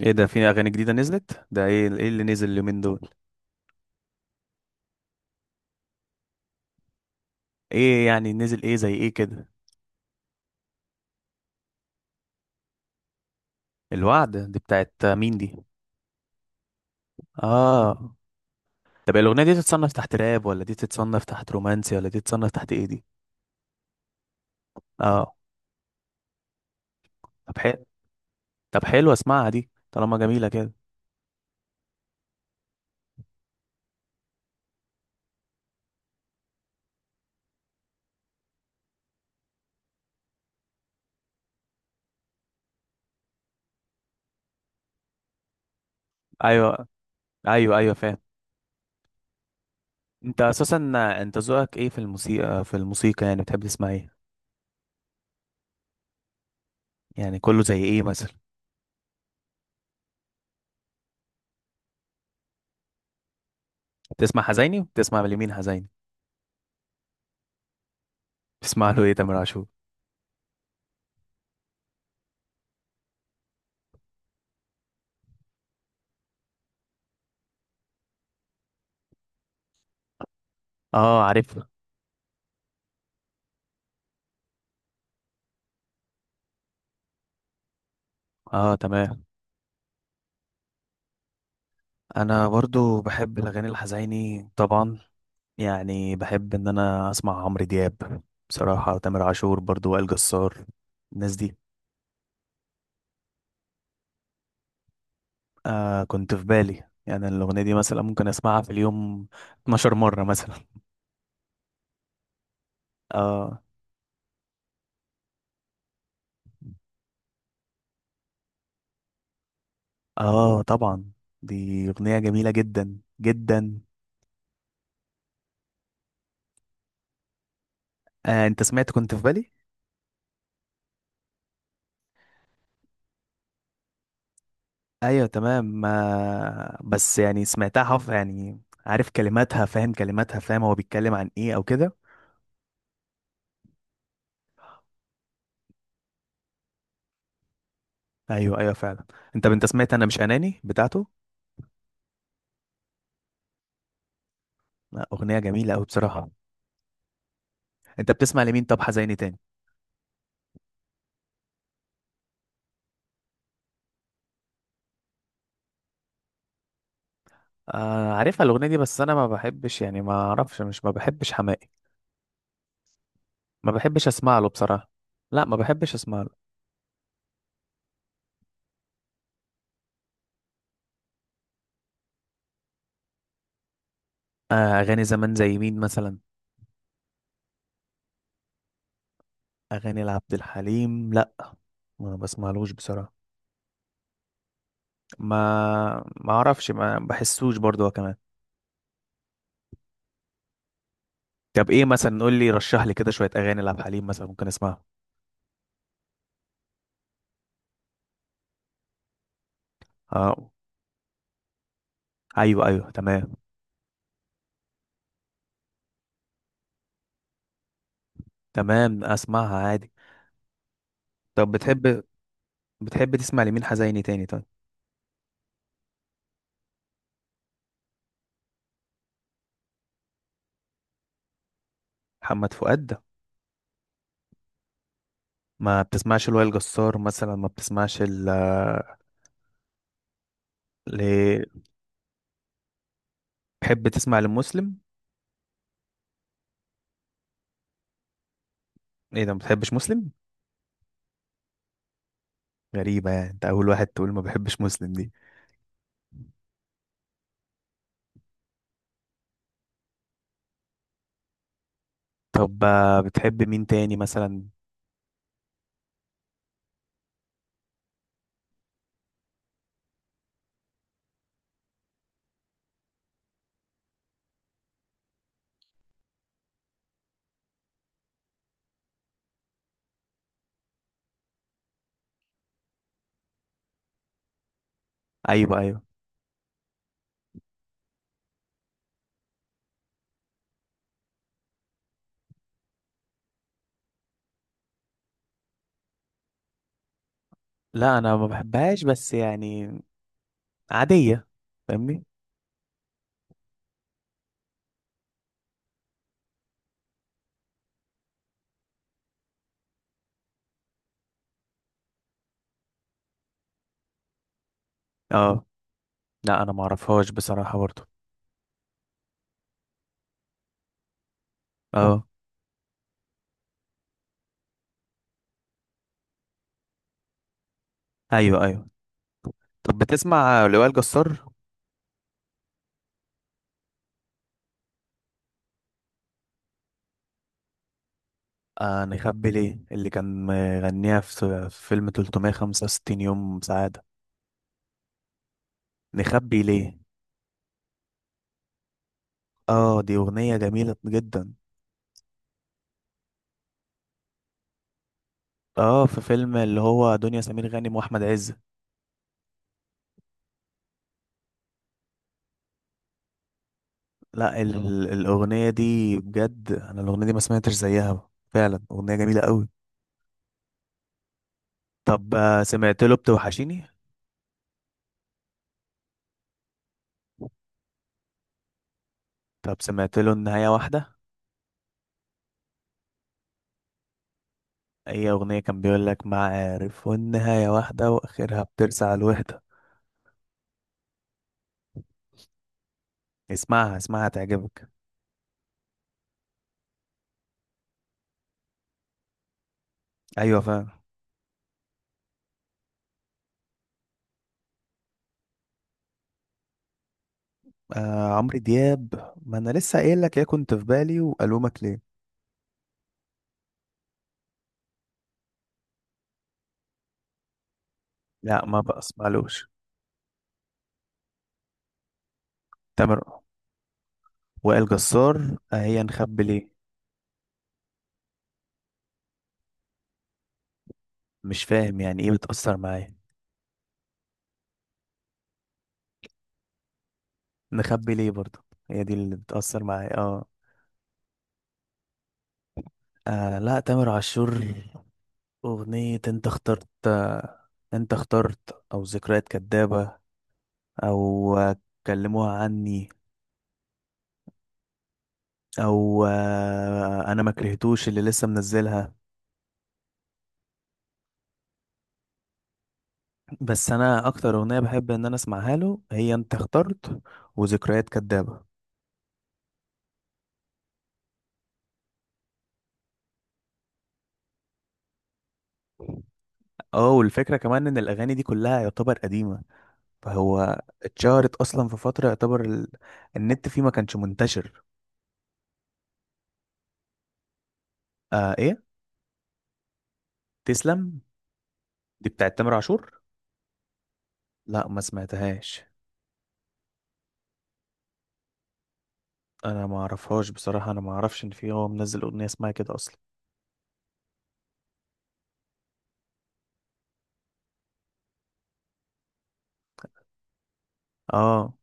ايه ده؟ في اغاني جديده نزلت. ده ايه؟ ايه اللي نزل اليومين دول؟ ايه يعني؟ نزل ايه زي ايه كده؟ الوعد دي بتاعت مين دي؟ اه، طب الاغنيه دي تتصنف تحت راب، ولا دي تتصنف تحت رومانسي، ولا دي تتصنف تحت ايه دي؟ اه، طب حلو. طب حلو، اسمعها دي طالما جميله كده. ايوه، ايوه، ايوه، فاهم. انت اساسا انت ذوقك ايه في الموسيقى يعني، بتحب تسمع ايه؟ يعني كله زي ايه مثلا؟ بتسمع لمين حزيني؟ بتسمع له ايه تامر عاشور؟ اه، عارفها. اه، تمام. انا برضو بحب الاغاني الحزيني طبعا. يعني بحب ان انا اسمع عمرو دياب، بصراحه تامر عاشور برضو، وائل جسار، الناس دي. آه، كنت في بالي، يعني الاغنيه دي مثلا ممكن اسمعها في اليوم 12 مره مثلا. اه. اه طبعا، دي اغنيه جميله جدا جدا. آه، انت سمعت كنت في بالي؟ ايوه، تمام. آه بس يعني سمعتها حف يعني، عارف كلماتها، فاهم كلماتها، فاهم هو بيتكلم عن ايه او كده. ايوه ايوه فعلا. انت سمعت انا مش اناني بتاعته؟ لا، اغنيه جميله قوي بصراحه. انت بتسمع لمين طب حزيني تاني؟ آه، عارفها الاغنيه دي، بس انا ما بحبش، يعني ما اعرفش، مش ما بحبش حماقي. ما بحبش اسمع له بصراحه. لا، ما بحبش اسمع له. آه، اغاني زمان زي مين مثلا؟ اغاني لعبد الحليم؟ لا، ما بسمعلوش بصراحه. ما ما اعرفش، ما بحسوش برضه هو كمان. طب ايه مثلا؟ قول لي، رشح لي كده شويه اغاني لعبد الحليم مثلا ممكن اسمعها. اه، ايوه ايوه تمام. تمام، اسمعها عادي. طب بتحب بتحب تسمع لمين حزيني تاني طيب؟ محمد فؤاد ده؟ ما بتسمعش لوائل جسار مثلا؟ ما بتسمعش ال ل- بتحب تسمع لمسلم؟ ايه ده، ما بتحبش مسلم؟ غريبة، يعني انت اول واحد تقول ما بحبش مسلم دي. طب بتحب مين تاني مثلا؟ ايوه ايوه. لا انا ما بحبهاش، بس يعني عادية، فاهمني. اه. لا انا ما اعرفهاش بصراحة برضه. اه، ايوه ايوه. طب بتسمع لوائل جسار؟ آه، نخبي ليه، اللي كان مغنيها في في فيلم 365 يوم سعادة. نخبي ليه. اه، دي أغنية جميلة جدا. اه، في فيلم اللي هو دنيا سمير غانم وأحمد عز. لا ال اه ال- الأغنية دي بجد، أنا الأغنية دي ما سمعتش زيها فعلا، أغنية جميلة قوي. طب سمعت له بتوحشيني؟ طب سمعت له النهاية واحدة؟ أي أغنية كان بيقول لك معارف، والنهاية واحدة، وآخرها بترسى على الوحدة. اسمعها اسمعها، تعجبك. أيوة فعلا. آه، عمرو دياب، ما انا لسه قايل لك يا كنت في بالي والومك ليه. لا، ما بسمعلوش. تامر. وائل جسار. آه، هي نخبي ليه. مش فاهم يعني ايه بتأثر معايا. نخبي ليه برضه، هي دي اللي بتأثر معايا اه. آه لا، تامر عاشور. أغنية انت اخترت، انت اخترت او ذكريات كدابة، او كلموها عني، او انا ما كرهتوش اللي لسه منزلها. بس انا اكتر اغنيه بحب ان انا اسمعها له هي انت اخترت وذكريات كدابه. اه، والفكره كمان ان الاغاني دي كلها يعتبر قديمه، فهو اتشهرت اصلا في فتره يعتبر النت فيه ما كانش منتشر. آه، ايه تسلم؟ دي بتاعت تامر عاشور. لا، ما سمعتهاش. انا ما اعرفهاش بصراحه، انا ما اعرفش ان في هو منزل اغنيه اسمها كده اصلا. اه.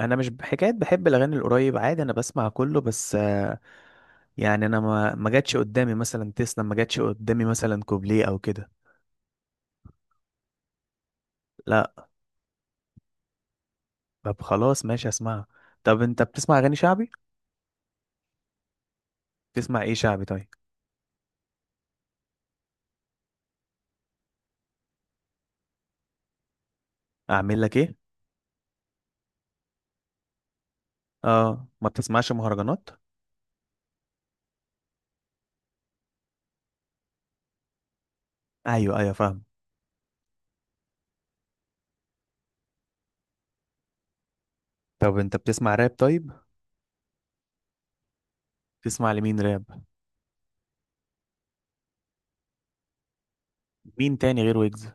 انا مش بحكايه بحب الاغاني القريب، عادي انا بسمع كله، بس يعني انا ما جاتش قدامي مثلا تسلا، ما جاتش قدامي مثلا كوبليه او كده. لا. طب خلاص ماشي، اسمعها. طب انت بتسمع اغاني شعبي؟ بتسمع ايه شعبي طيب؟ اعمل لك ايه. اه، ما بتسمعش مهرجانات. ايوه ايوه فاهم. طب انت بتسمع راب طيب؟ بتسمع لمين راب؟ مين تاني غير ويجز؟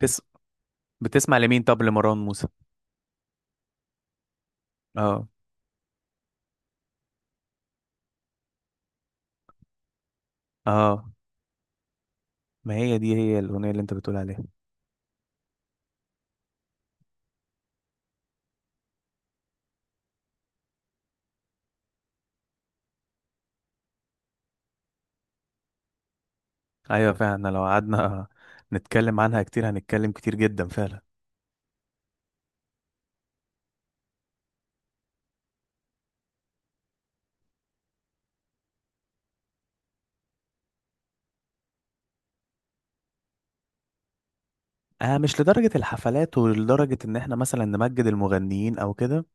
بتس... بتسمع لمين طب لمروان موسى؟ اه. اه، ما هي دي هي الاغنيه اللي انت بتقول عليها. ايوه فعلا، لو قعدنا نتكلم عنها كتير، هنتكلم كتير جدا فعلا. آه، مش لدرجة الحفلات ولدرجة إن إحنا مثلا نمجد المغنيين أو كده،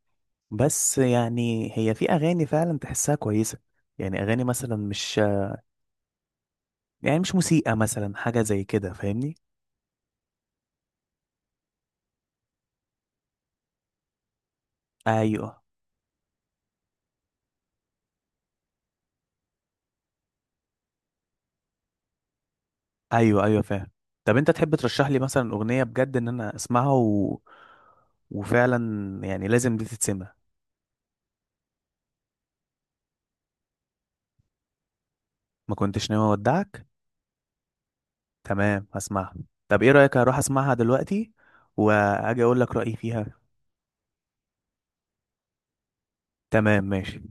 بس يعني هي في أغاني فعلا تحسها كويسة. يعني أغاني مثلا مش، يعني مش موسيقى مثلا حاجة زي كده، فاهمني؟ أيوه أيوه. أيوه فاهم. طب أنت تحب ترشح لي مثلا أغنية بجد إن أنا أسمعها و... وفعلا يعني لازم دي تتسمع. ما كنتش ناوي أودعك؟ تمام، هسمعها. طب إيه رأيك أروح أسمعها دلوقتي وأجي أقول لك رأيي فيها؟ تمام ماشي.